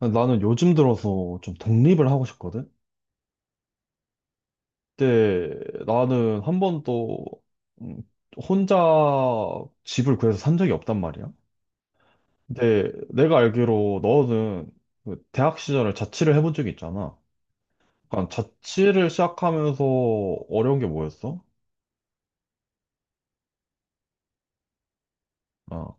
나는 요즘 들어서 좀 독립을 하고 싶거든? 근데 나는 한 번도 음, 혼자 집을 구해서 산 적이 없단 말이야. 근데 내가 알기로 너는 그 대학 시절을 자취를 해본 적이 있잖아. 그러니까 자취를 시작하면서 어려운 게 뭐였어? 아,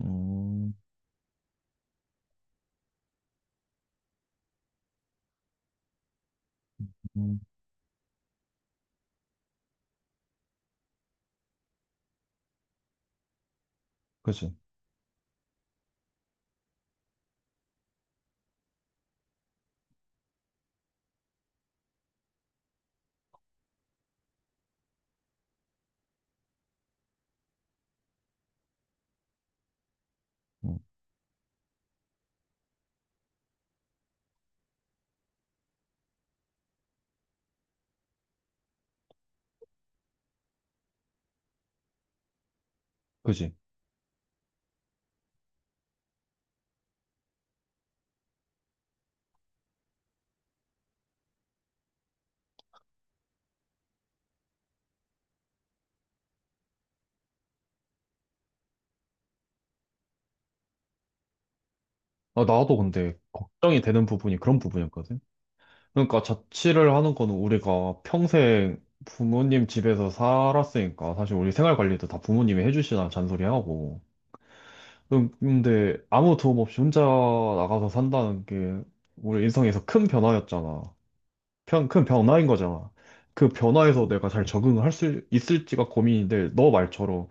음, 음, 그지. 음, 그지. 아, 나도 근데 걱정이 되는 부분이 그런 부분이었거든. 그러니까 자취를 하는 거는 우리가 평생 부모님 집에서 살았으니까 사실 우리 생활 관리도 다 부모님이 해주시나 잔소리하고. 근데 아무 도움 없이 혼자 나가서 산다는 게 우리 인생에서 큰 변화였잖아. 큰 변화인 거잖아. 그 변화에서 내가 잘 적응을 할 수 있을지가 고민인데 너 말처럼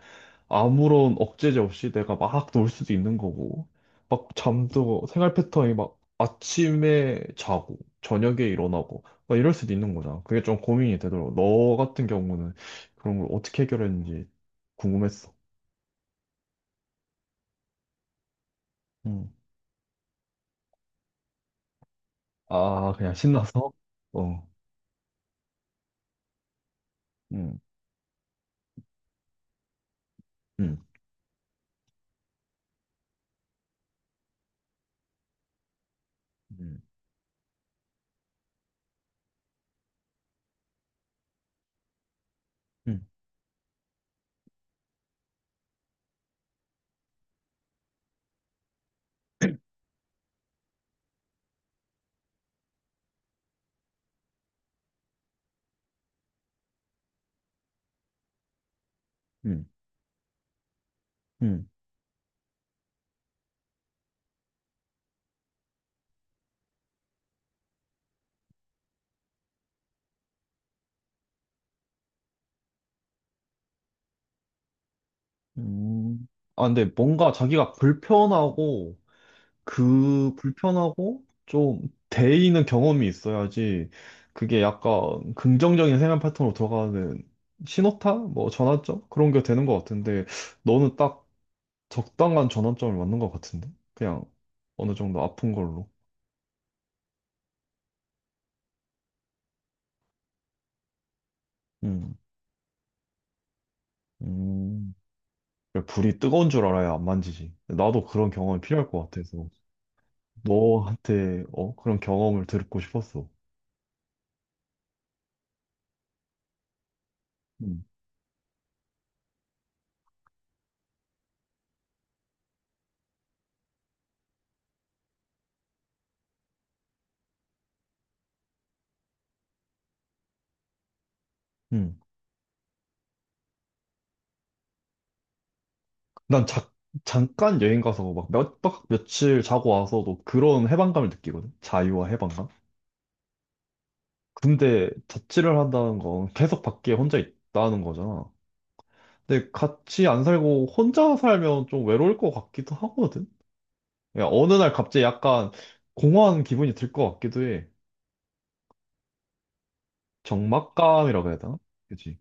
아무런 억제제 없이 내가 막 놀 수도 있는 거고, 막 잠도 생활 패턴이 막 아침에 자고, 저녁에 일어나고, 막 이럴 수도 있는 거잖아. 그게 좀 고민이 되더라고. 너 같은 경우는 그런 걸 어떻게 해결했는지 궁금했어. 음. 아, 그냥 신나서? 어, 음. 음, 음. 음, 음, 음. 음. 아, 근데 뭔가 자기가 불편하고, 그 불편하고 좀 데이는 경험이 있어야지 그게 약간 긍정적인 생활 패턴으로 들어가는 신호타? 뭐 전환점? 그런 게 되는 것 같은데 너는 딱 적당한 전환점을 맞는 것 같은데? 그냥 어느 정도 아픈 걸로. 음. 음. 불이 뜨거운 줄 알아야 안 만지지. 나도 그런 경험이 필요할 것 같아서 너한테 어? 그런 경험을 듣고 싶었어. 음. 음. 난 자, 잠깐 여행 가서 막 몇 박 며칠 자고 와서도 그런 해방감을 느끼거든. 자유와 해방감. 근데 자취를 한다는 건 계속 밖에 혼자 있다는 거잖아. 근데 같이 안 살고 혼자 살면 좀 외로울 것 같기도 하거든. 야, 어느 날 갑자기 약간 공허한 기분이 들 것 같기도 해. 적막감이라고 해야 되나? 그치?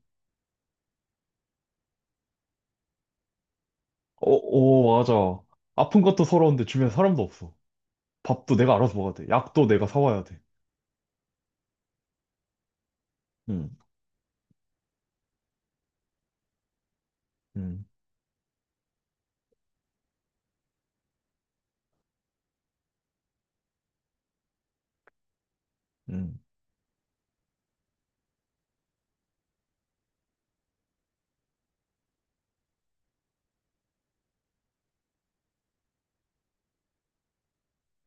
어, 어, 맞아. 아픈 것도 서러운데 주변에 사람도 없어. 밥도 내가 알아서 먹어야 돼. 약도 내가 사와야 돼. 응, 응, 응,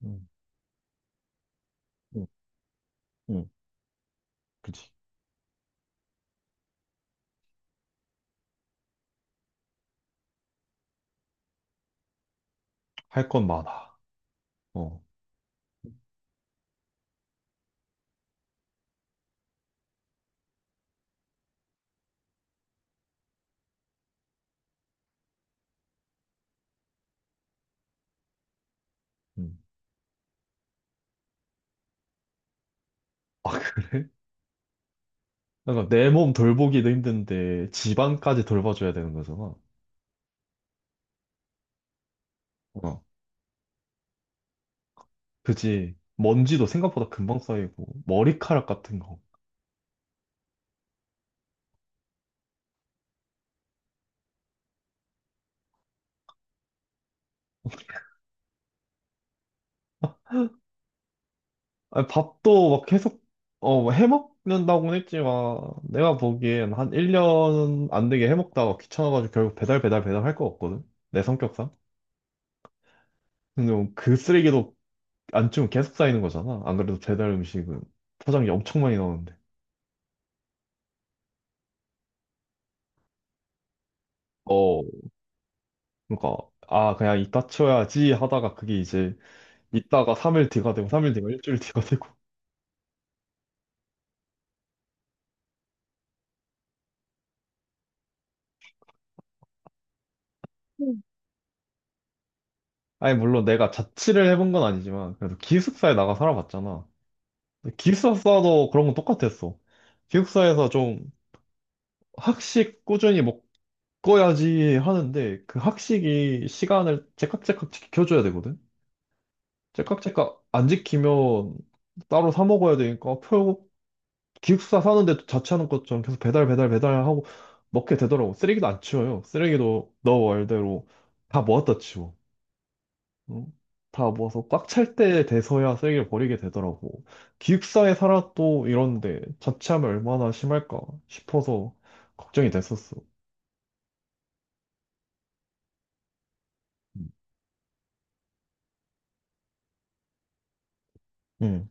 응. 응. 응. 그치. 할 건 많아. 어. 음. 아, 그래? 그러니까 내 몸 돌보기도 힘든데 집안까지 돌봐줘야 되는 거잖아. 어. 그지. 먼지도 생각보다 금방 쌓이고 머리카락 같은 거. 아, 밥도 막 계속 해먹는다고는 했지만 내가 보기엔 한 1년 안 되게 해먹다가 귀찮아가지고 결국 배달 배달 배달 할 거 같거든. 내 성격상. 근데 뭐 그 쓰레기도 안 치우면 계속 쌓이는 거잖아. 안 그래도 배달 음식은 포장이 엄청 많이 나오는데. 어, 그러니까 아 그냥 이따 쳐야지 하다가 그게 이제 이따가 3일 뒤가 되고 3일 뒤가 일주일 뒤가 되고. 음. 아니 물론 내가 자취를 해본 건 아니지만 그래도 기숙사에 나가 살아봤잖아. 근데 기숙사도 그런 건 똑같았어. 기숙사에서 좀 학식 꾸준히 먹어야지 하는데 그 학식이 시간을 째깍째깍 지켜줘야 되거든. 째깍째깍 안 지키면 따로 사 먹어야 되니까 기숙사 사는데도 자취하는 것처럼 계속 배달 배달 배달하고 먹게 되더라고. 쓰레기도 안 치워요. 쓰레기도 너 말대로 다 모았다 치워. 응? 다 모아서 꽉 찰 때 돼서야 쓰레기를 버리게 되더라고. 기숙사에 살아도 이런데 자취하면 얼마나 심할까 싶어서 걱정이 됐었어. 응, 응,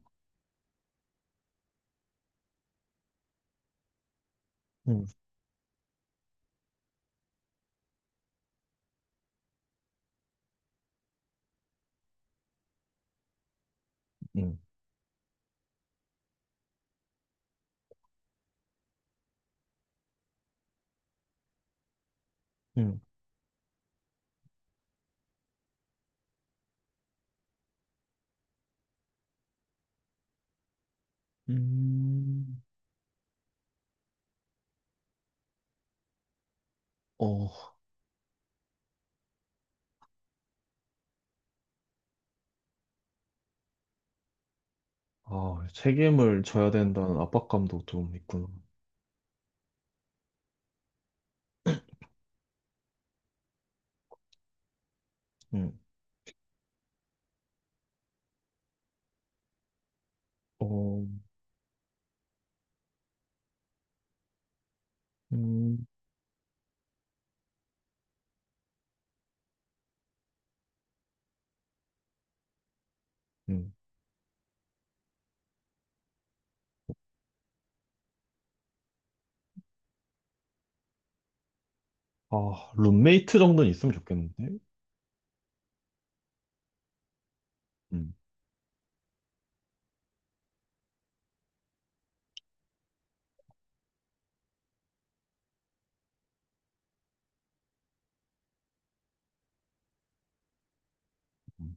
응, 응. 음, 어, 아, 책임을 져야 된다는 압박감도 좀 있구나. 응, 어, 음, 음. 아, 룸메이트 정도는 있으면 좋겠는데? 음, 음,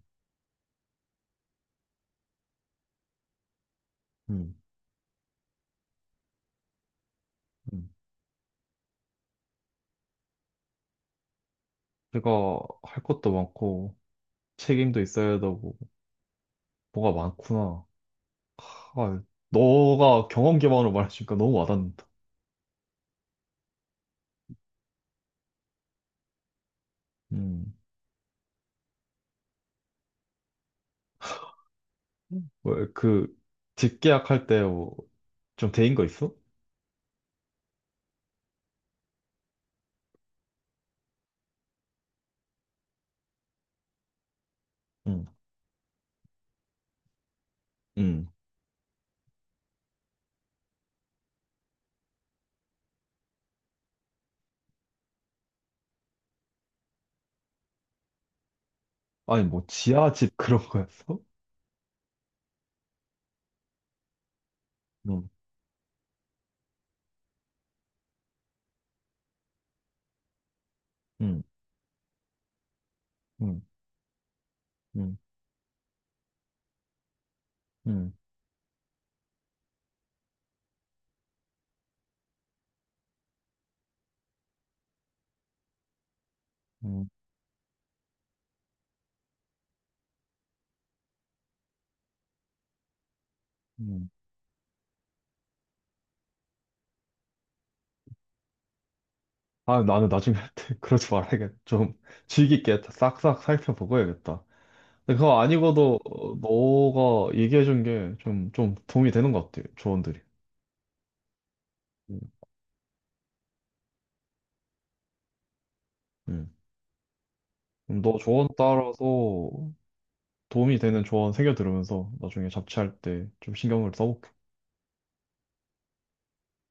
음, 음. 내가 할 것도 많고, 책임도 있어야 되고, 뭐가 많구나. 아, 너가 경험 기반으로 말해주니까 너무 와닿는다. 음. 왜, 그, 집계약할 때 뭐, 좀 대인 거 있어? 음, 음. 아니, 뭐, 지하집 그런 거였어? 음, 음, 음, 음, 음, 음. 음. 아, 나는 나중에 할 때 그러지 말아야겠다. 좀 주의 깊게 싹싹 살펴보고 해야겠다. 근데 그거 아니고도 어, 너가 얘기해준 게 좀, 좀 도움이 되는 것 같아, 조언들이. 음. 음. 그럼 너 조언 따라서 도움이 되는 조언 새겨 들으면서 나중에 잡지할 때 좀 신경을 써볼게.